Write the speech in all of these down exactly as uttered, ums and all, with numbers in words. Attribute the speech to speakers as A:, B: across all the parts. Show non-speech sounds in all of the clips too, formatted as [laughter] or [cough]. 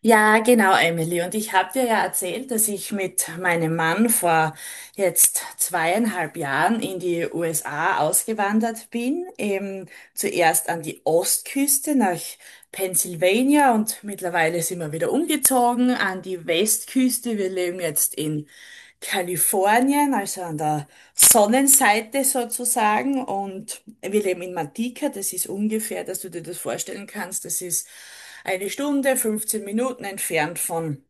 A: Ja, genau, Emily. Und ich habe dir ja erzählt, dass ich mit meinem Mann vor jetzt zweieinhalb Jahren in die U S A ausgewandert bin. Eben zuerst an die Ostküste nach Pennsylvania und mittlerweile sind wir wieder umgezogen an die Westküste. Wir leben jetzt in Kalifornien, also an der Sonnenseite sozusagen. Und wir leben in Matica. Das ist ungefähr, dass du dir das vorstellen kannst. Das ist eine Stunde, fünfzehn Minuten entfernt von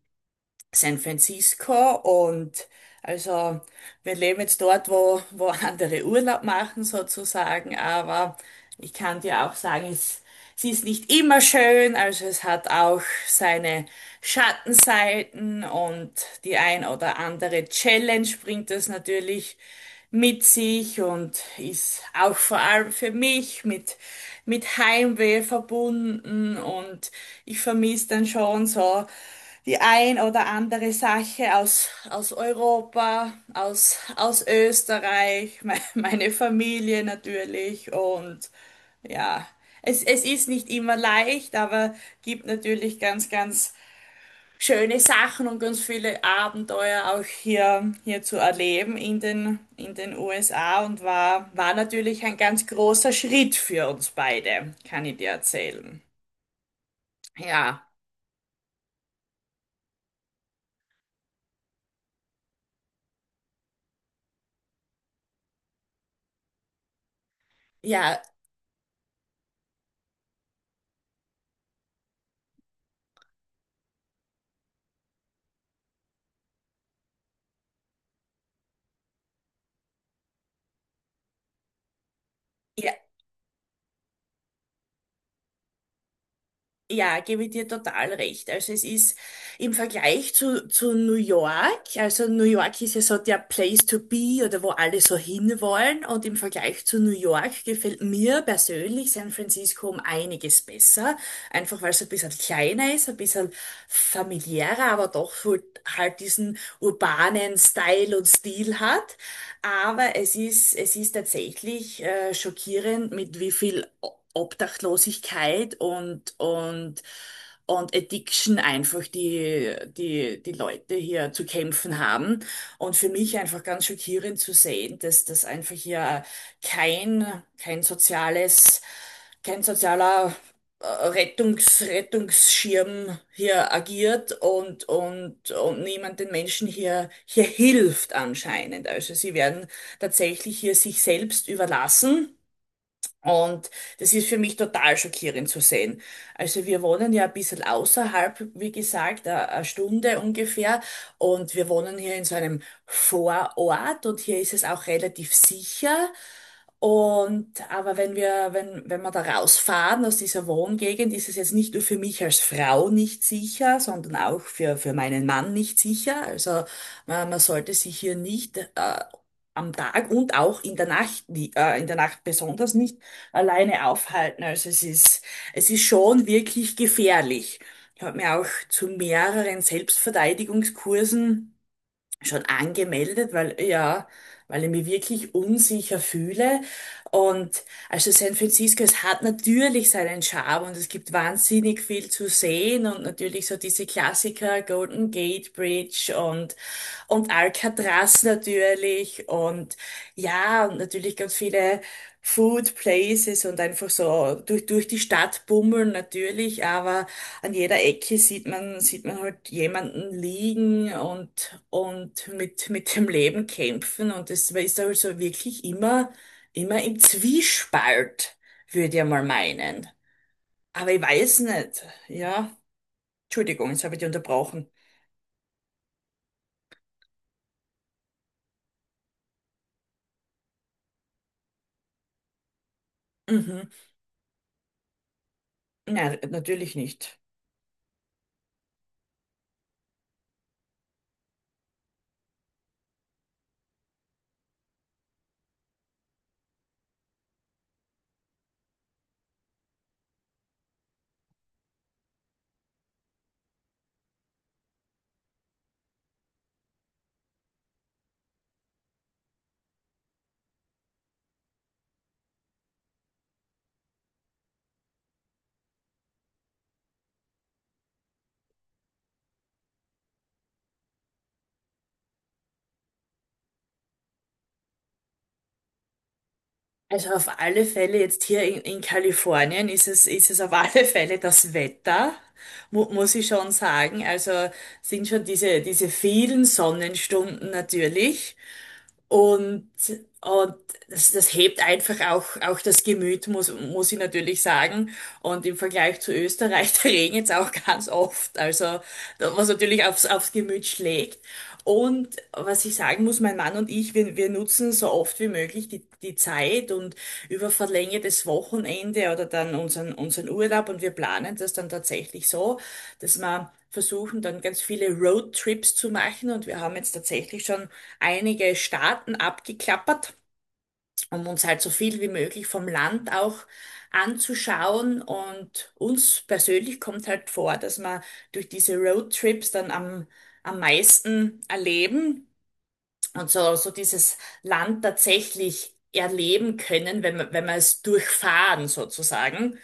A: San Francisco, und also wir leben jetzt dort, wo, wo andere Urlaub machen sozusagen. Aber ich kann dir auch sagen, es, es ist nicht immer schön, also es hat auch seine Schattenseiten, und die ein oder andere Challenge bringt es natürlich mit sich, und ist auch vor allem für mich mit, mit Heimweh verbunden, und ich vermisse dann schon so die ein oder andere Sache aus aus, Europa, aus, aus Österreich, [laughs] me- meine Familie natürlich. Und ja, es, es ist nicht immer leicht, aber gibt natürlich ganz, ganz schöne Sachen und ganz viele Abenteuer auch hier, hier zu erleben in den, in den U S A, und war, war natürlich ein ganz großer Schritt für uns beide, kann ich dir erzählen. Ja, ja. Ja, ja, gebe ich dir total recht. Also es ist im Vergleich zu, zu New York. Also New York ist ja so der Place to be, oder wo alle so hinwollen, und im Vergleich zu New York gefällt mir persönlich San Francisco um einiges besser, einfach weil es ein bisschen kleiner ist, ein bisschen familiärer, aber doch so halt diesen urbanen Style und Stil hat. Aber es ist, es ist tatsächlich äh, schockierend, mit wie viel Obdachlosigkeit und und, und Addiction einfach, die, die, die Leute hier zu kämpfen haben. Und für mich einfach ganz schockierend zu sehen, dass das einfach hier kein, kein soziales, kein sozialer äh, Rettungs, Rettungsschirm hier agiert, und, und, und niemand den Menschen hier, hier hilft, anscheinend. Also sie werden tatsächlich hier sich selbst überlassen, und das ist für mich total schockierend zu sehen. Also wir wohnen ja ein bisschen außerhalb, wie gesagt, eine eine Stunde ungefähr. Und wir wohnen hier in so einem Vorort, und hier ist es auch relativ sicher. Und aber wenn wir, wenn, wenn wir da rausfahren aus dieser Wohngegend, ist es jetzt nicht nur für mich als Frau nicht sicher, sondern auch für, für meinen Mann nicht sicher. Also man, man sollte sich hier nicht äh, am Tag und auch in der Nacht, nie- äh, in der Nacht besonders nicht alleine aufhalten. Also es ist, es ist, schon wirklich gefährlich. Ich habe mir auch zu mehreren Selbstverteidigungskursen schon angemeldet, weil ja, weil ich mich wirklich unsicher fühle. Und also San Francisco, es hat natürlich seinen Charme, und es gibt wahnsinnig viel zu sehen, und natürlich so diese Klassiker: Golden Gate Bridge, und und Alcatraz natürlich, und ja, und natürlich ganz viele Food Places, und einfach so durch, durch die Stadt bummeln natürlich. Aber an jeder Ecke sieht man, sieht man halt jemanden liegen, und und mit, mit dem Leben kämpfen, und das, man ist halt so wirklich immer, immer im Zwiespalt, würde ich mal meinen. Aber ich weiß nicht, ja. Entschuldigung, jetzt habe ich dich unterbrochen. Mhm. Nein, natürlich nicht. Also auf alle Fälle jetzt hier in, in Kalifornien, ist es, ist es auf [laughs] alle Fälle das Wetter, mu muss ich schon sagen. Also sind schon diese, diese vielen Sonnenstunden natürlich. Und, und das, das hebt einfach auch, auch das Gemüt, muss, muss ich natürlich sagen. Und im Vergleich zu Österreich, [laughs] da regnet's auch ganz oft. Also, da- was natürlich aufs, aufs Gemüt schlägt. Und was ich sagen muss, mein Mann und ich, wir, wir nutzen so oft wie möglich die, die Zeit und über verlängertes Wochenende oder dann unseren, unseren Urlaub, und wir planen das dann tatsächlich so, dass man versuchen dann ganz viele Roadtrips zu machen, und wir haben jetzt tatsächlich schon einige Staaten abgeklappert, um uns halt so viel wie möglich vom Land auch anzuschauen. Und uns persönlich kommt halt vor, dass wir durch diese Roadtrips dann am, am meisten erleben, und so, so dieses Land tatsächlich erleben können, wenn wir, wenn wir, es durchfahren sozusagen.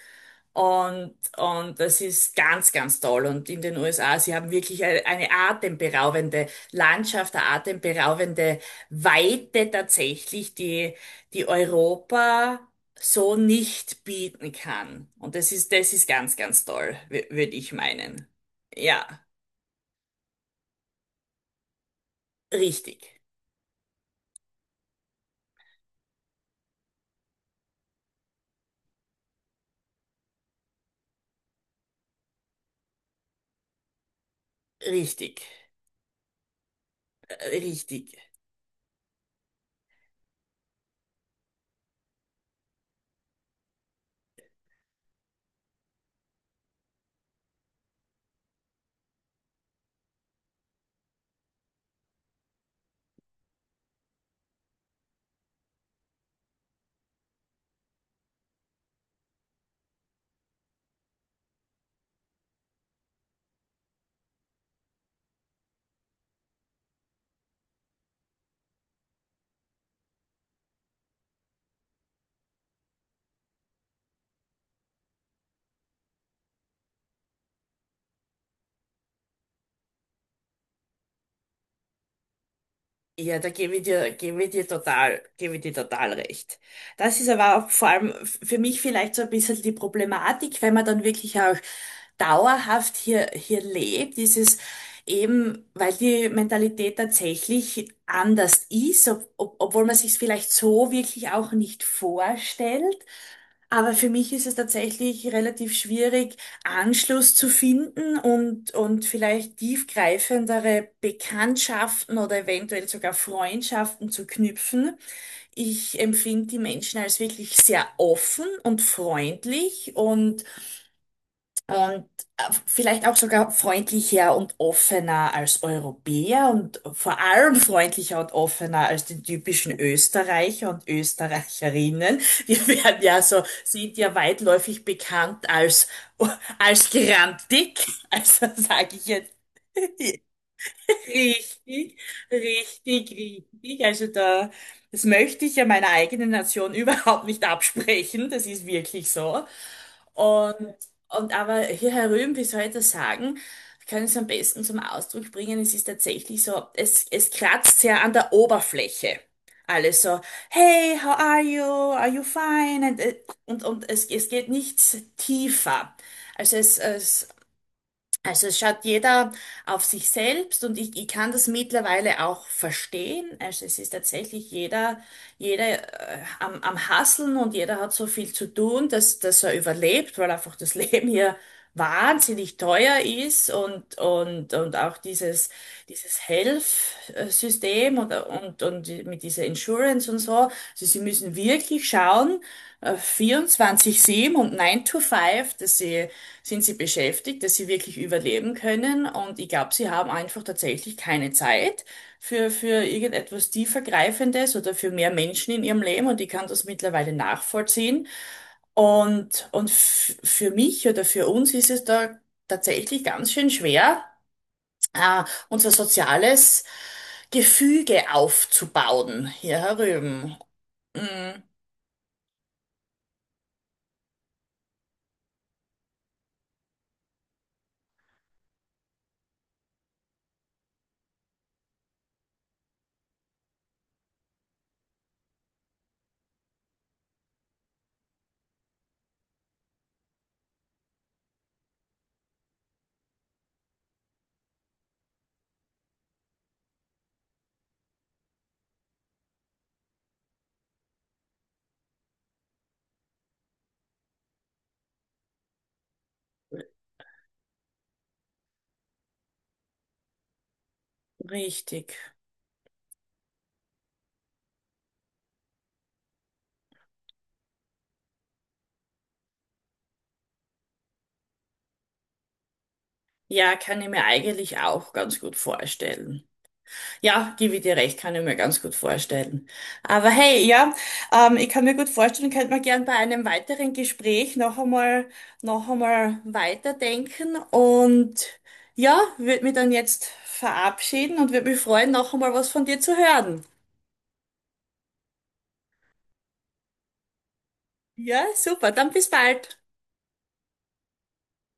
A: Und, und das ist ganz, ganz toll. Und in den U S A, sie haben wirklich eine, eine atemberaubende Landschaft, eine atemberaubende Weite tatsächlich, die, die Europa so nicht bieten kann. Und das ist, das ist ganz, ganz toll, würde ich meinen. Ja, richtig, richtig, äh, richtig. Ja, da gebe ich dir, gebe ich dir total, gebe ich dir total recht. Das ist aber auch vor allem f- für mich vielleicht so ein bisschen die Problematik, wenn man dann wirklich auch dauerhaft hier, hier lebt, ist es eben, weil die Mentalität tatsächlich anders ist, ob, ob, obwohl man sich es vielleicht so wirklich auch nicht vorstellt. Aber für mich ist es tatsächlich relativ schwierig, Anschluss zu finden, und, und vielleicht tiefgreifendere Bekanntschaften oder eventuell sogar Freundschaften zu knüpfen. Ich empfinde die Menschen als wirklich sehr offen und freundlich, und und äh, vielleicht auch sogar freundlicher und offener als Europäer, und vor allem freundlicher und offener als die typischen Österreicher und Österreicherinnen. [laughs] Wir werden ja so, sind ja weitläufig bekannt als, [laughs] als grantig. Also sage ich jetzt. Richtig, richtig, richtig. Also da, das möchte ich ja meiner eigenen Nation [laughs] überhaupt nicht absprechen. Das ist wirklich so. Und, und aber hier herüben, wie soll ich das sagen, ich kann es am besten zum Ausdruck bringen. Es ist tatsächlich so, es, es kratzt sehr an der Oberfläche. Alles so, hey, how are you? Are you fine? Und, äh, und, und es, es geht nichts tiefer. Also es, es also es schaut jeder auf sich selbst, und ich, ich kann das mittlerweile auch verstehen. Also es ist tatsächlich jeder, jeder äh, am, am Hasseln, und jeder hat so viel zu tun, dass, dass er überlebt, weil einfach das [laughs] Leben hier wahnsinnig teuer ist, und, und, und auch auch dieses, dieses Health-System, oder, und, und mit dieser Insurance und so. Also sie müssen wirklich schauen, äh, vierundzwanzig sieben und nine to five, dass sie, sind sie beschäftigt, dass sie wirklich überleben können. Und ich glaube, sie haben einfach tatsächlich keine Zeit für, für irgendetwas tiefergreifendes oder für mehr Menschen in ihrem Leben. Und ich kann das mittlerweile nachvollziehen. Und und f- für mich oder für uns ist es da tatsächlich ganz schön schwer, äh, unser soziales Gefüge aufzubauen hier herüben. Mhm, richtig. Ja, kann ich mir eigentlich auch ganz gut vorstellen. Ja, gebe ich dir recht, kann ich mir ganz gut vorstellen. Aber hey, ja, ähm, ich kann mir gut vorstellen, könnte man gern bei einem weiteren Gespräch noch einmal, noch einmal weiterdenken, und ja, würde mich dann jetzt verabschieden und würde mich freuen, noch einmal was von dir zu hören. Ja, super, dann bis bald.